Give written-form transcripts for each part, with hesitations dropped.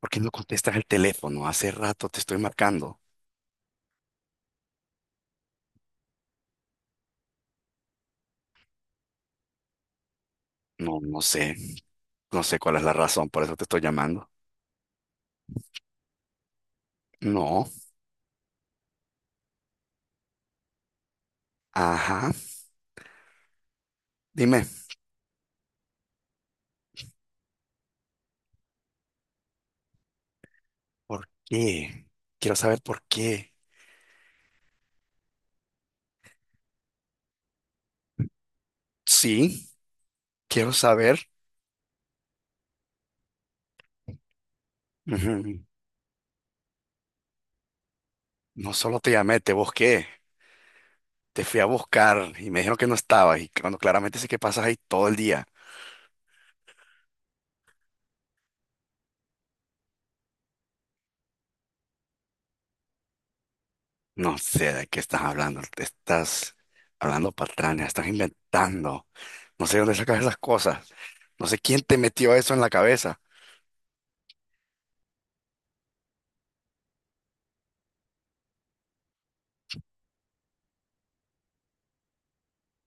¿Por qué no contestas el teléfono? Hace rato te estoy marcando. No, no sé. No sé cuál es la razón, por eso te estoy llamando. No. Ajá. Dime, ¿por qué? Quiero saber por qué. Sí, quiero saber. Ujú. No solo te llamé, te busqué. Te fui a buscar y me dijeron que no estabas. Y cuando claramente sé que pasas ahí todo el día. No sé de qué estás hablando. Te estás hablando patrañas, estás inventando. No sé de dónde sacas esas cosas. No sé quién te metió eso en la cabeza.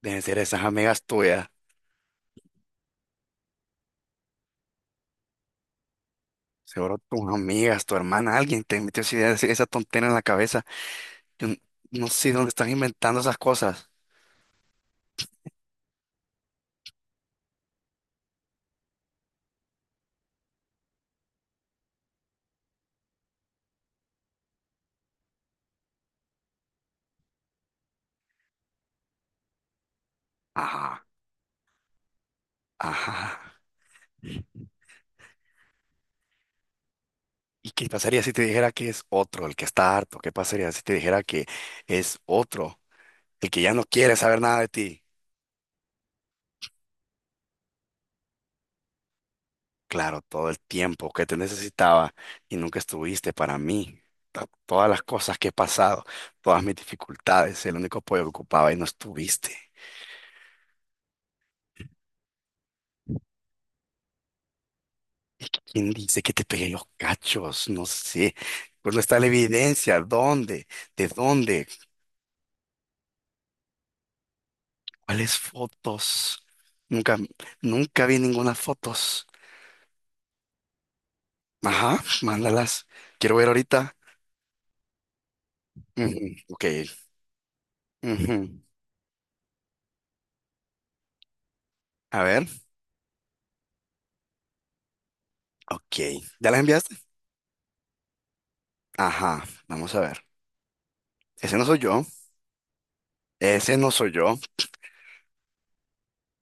Deben ser esas amigas tuyas. Seguro tus amigas, tu hermana, alguien te metió esa idea, esa tontera en la cabeza. Yo n- no sé dónde están inventando esas cosas. Ajá, ajá. ¿Y qué pasaría si te dijera que es otro el que está harto? ¿Qué pasaría si te dijera que es otro el que ya no quiere saber nada de ti? Claro, todo el tiempo que te necesitaba y nunca estuviste para mí. Todas las cosas que he pasado, todas mis dificultades, el único apoyo que ocupaba y no estuviste. ¿Quién dice que te pegué los cachos? No sé. Pues no está la evidencia. ¿Dónde? ¿De dónde? ¿Cuáles fotos? Nunca, nunca vi ninguna fotos. Ajá, mándalas. Quiero ver ahorita. Ujú, ok, ujú. A ver. Ok. ¿Ya las enviaste? Ajá. Vamos a ver. Ese no soy yo. Ese no soy yo.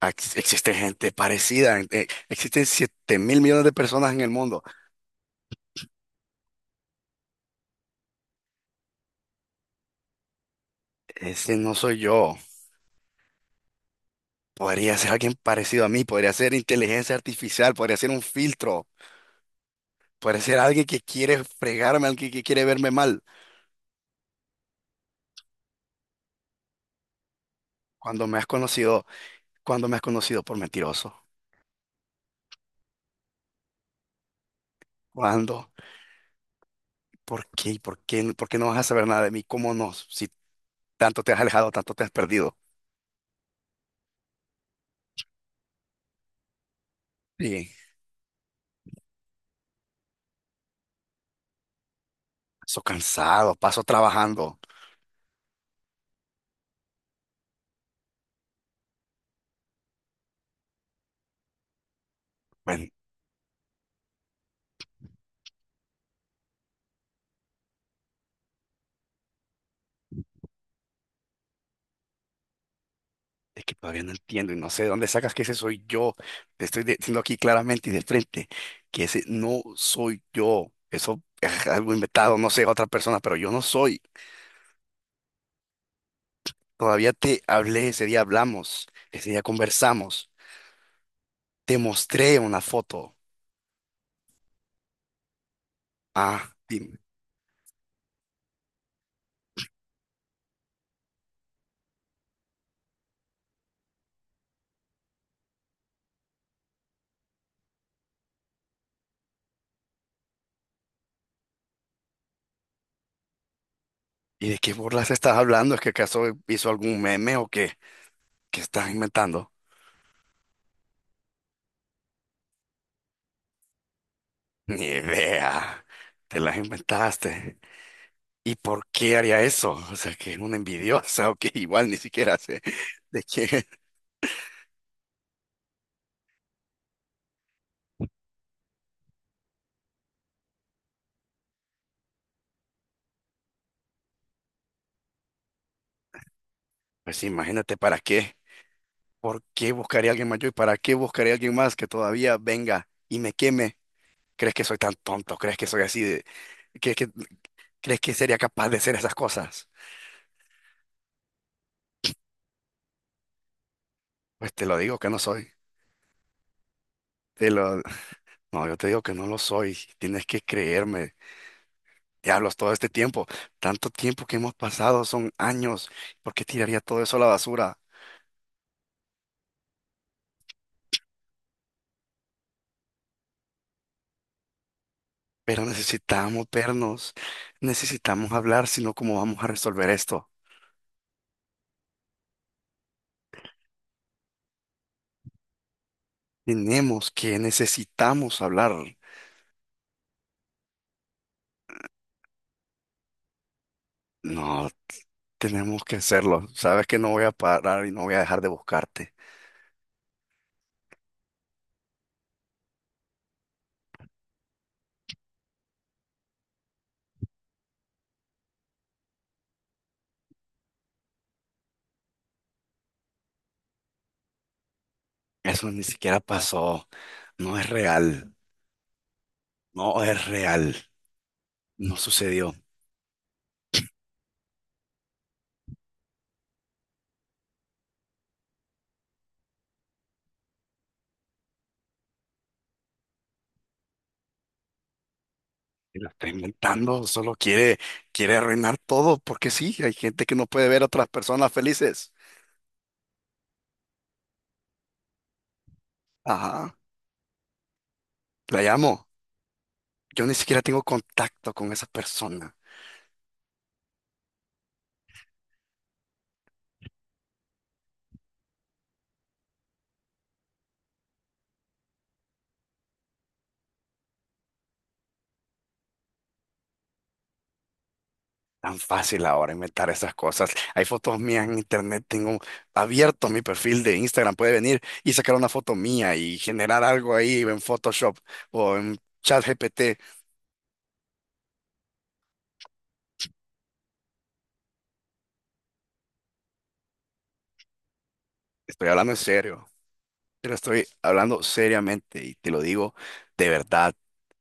Existe gente parecida. Existen 7.000 millones de personas en el mundo. Ese no soy yo. Podría ser alguien parecido a mí, podría ser inteligencia artificial, podría ser un filtro, podría ser alguien que quiere fregarme, alguien que quiere verme mal. Cuando me has conocido, cuando me has conocido por mentiroso, cuando, ¿por qué? ¿Por qué? ¿Por qué no vas a saber nada de mí? ¿Cómo no? Si tanto te has alejado, tanto te has perdido. Sí, paso cansado, paso trabajando. Bueno. Es que todavía no entiendo y no sé de dónde sacas que ese soy yo. Te estoy diciendo aquí claramente y de frente que ese no soy yo. Eso es algo inventado, no sé, otra persona, pero yo no soy. Todavía te hablé, ese día hablamos, ese día conversamos, te mostré una foto. Ah, dime, ¿y de qué burlas estás hablando? ¿Es que acaso hizo algún meme o qué? ¿Qué estás inventando? Ni idea, te las inventaste. ¿Y por qué haría eso? O sea, que es una envidiosa o que igual ni siquiera sé de qué. Pues sí, imagínate para qué. ¿Por qué buscaría a alguien más yo y para qué buscaría a alguien más que todavía venga y me queme? ¿Crees que soy tan tonto? ¿Crees que soy así de... que- que- ¿Crees que sería capaz de hacer esas cosas? Pues te lo digo que no soy. Te lo... No, yo te digo que no lo soy. Tienes que creerme. Diablos, todo este tiempo, tanto tiempo que hemos pasado, son años. ¿Por qué tiraría todo eso a la basura? Pero necesitamos vernos, necesitamos hablar, sino cómo vamos a resolver esto. Tenemos que, necesitamos hablar. No, tenemos que hacerlo. Sabes que no voy a parar y no voy a dejar de buscarte. Eso ni siquiera pasó. No es real. No es real. No sucedió. Te lo está inventando. Solo quiere, quiere arruinar todo porque sí, hay gente que no puede ver a otras personas felices. Ajá. La llamo. Yo ni siquiera tengo contacto con esa persona. Tan fácil ahora inventar esas cosas. Hay fotos mías en internet, tengo abierto mi perfil de Instagram, puede venir y sacar una foto mía y generar algo ahí en Photoshop o en ChatGPT. Estoy hablando en serio, pero estoy hablando seriamente y te lo digo de verdad.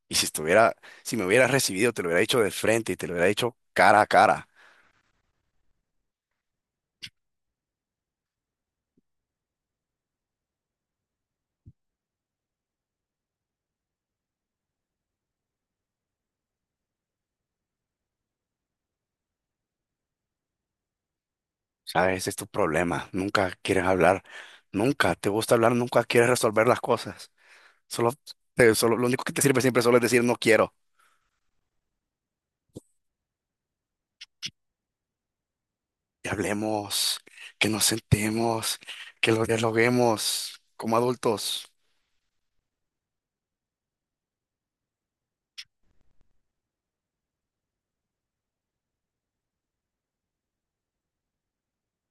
Y si estuviera, si me hubieras recibido, te lo hubiera dicho de frente y te lo hubiera dicho cara a cara. ¿Sabes? Ese es tu problema. Nunca quieres hablar, nunca te gusta hablar, nunca quieres resolver las cosas. Solo, solo, lo único que te sirve siempre solo es decir no quiero. Que hablemos, que nos sentemos, que lo dialoguemos como adultos.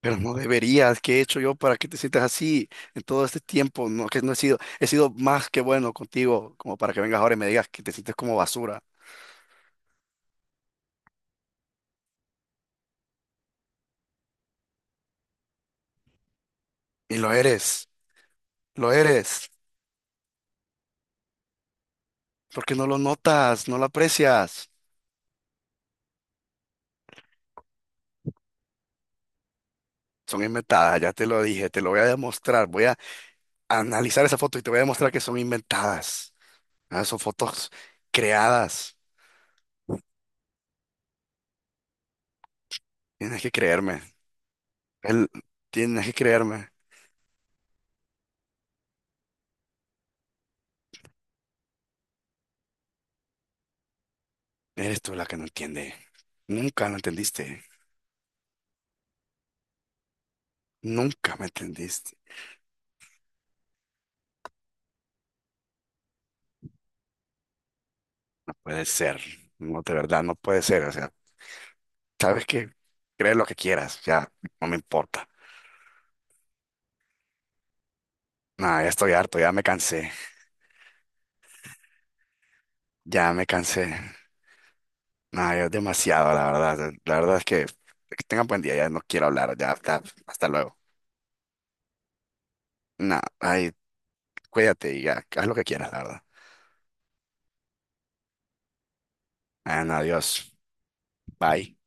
Pero no deberías, ¿qué he hecho yo para que te sientas así en todo este tiempo? No, que no he sido, he sido más que bueno contigo, como para que vengas ahora y me digas que te sientes como basura. Y lo eres, porque no lo notas, no lo aprecias. Son inventadas, ya te lo dije, te lo voy a demostrar. Voy a analizar esa foto y te voy a demostrar que son inventadas. Ah, son fotos creadas. Tienes que creerme. Él, tienes que creerme, eres tú la que no entiende. Nunca lo entendiste. Nunca me entendiste. No puede ser. No, de verdad, no puede ser. O sea, sabes que crees lo que quieras. Ya, no me importa. Nada, ya estoy harto, ya me cansé. Ya me cansé. Nada, ya es demasiado, la verdad. La verdad es que tengan buen día, ya no quiero hablar. Ya, hasta, hasta luego. Nada, ay, cuídate y ya, haz lo que quieras, la verdad. Ah, no, adiós. Bye.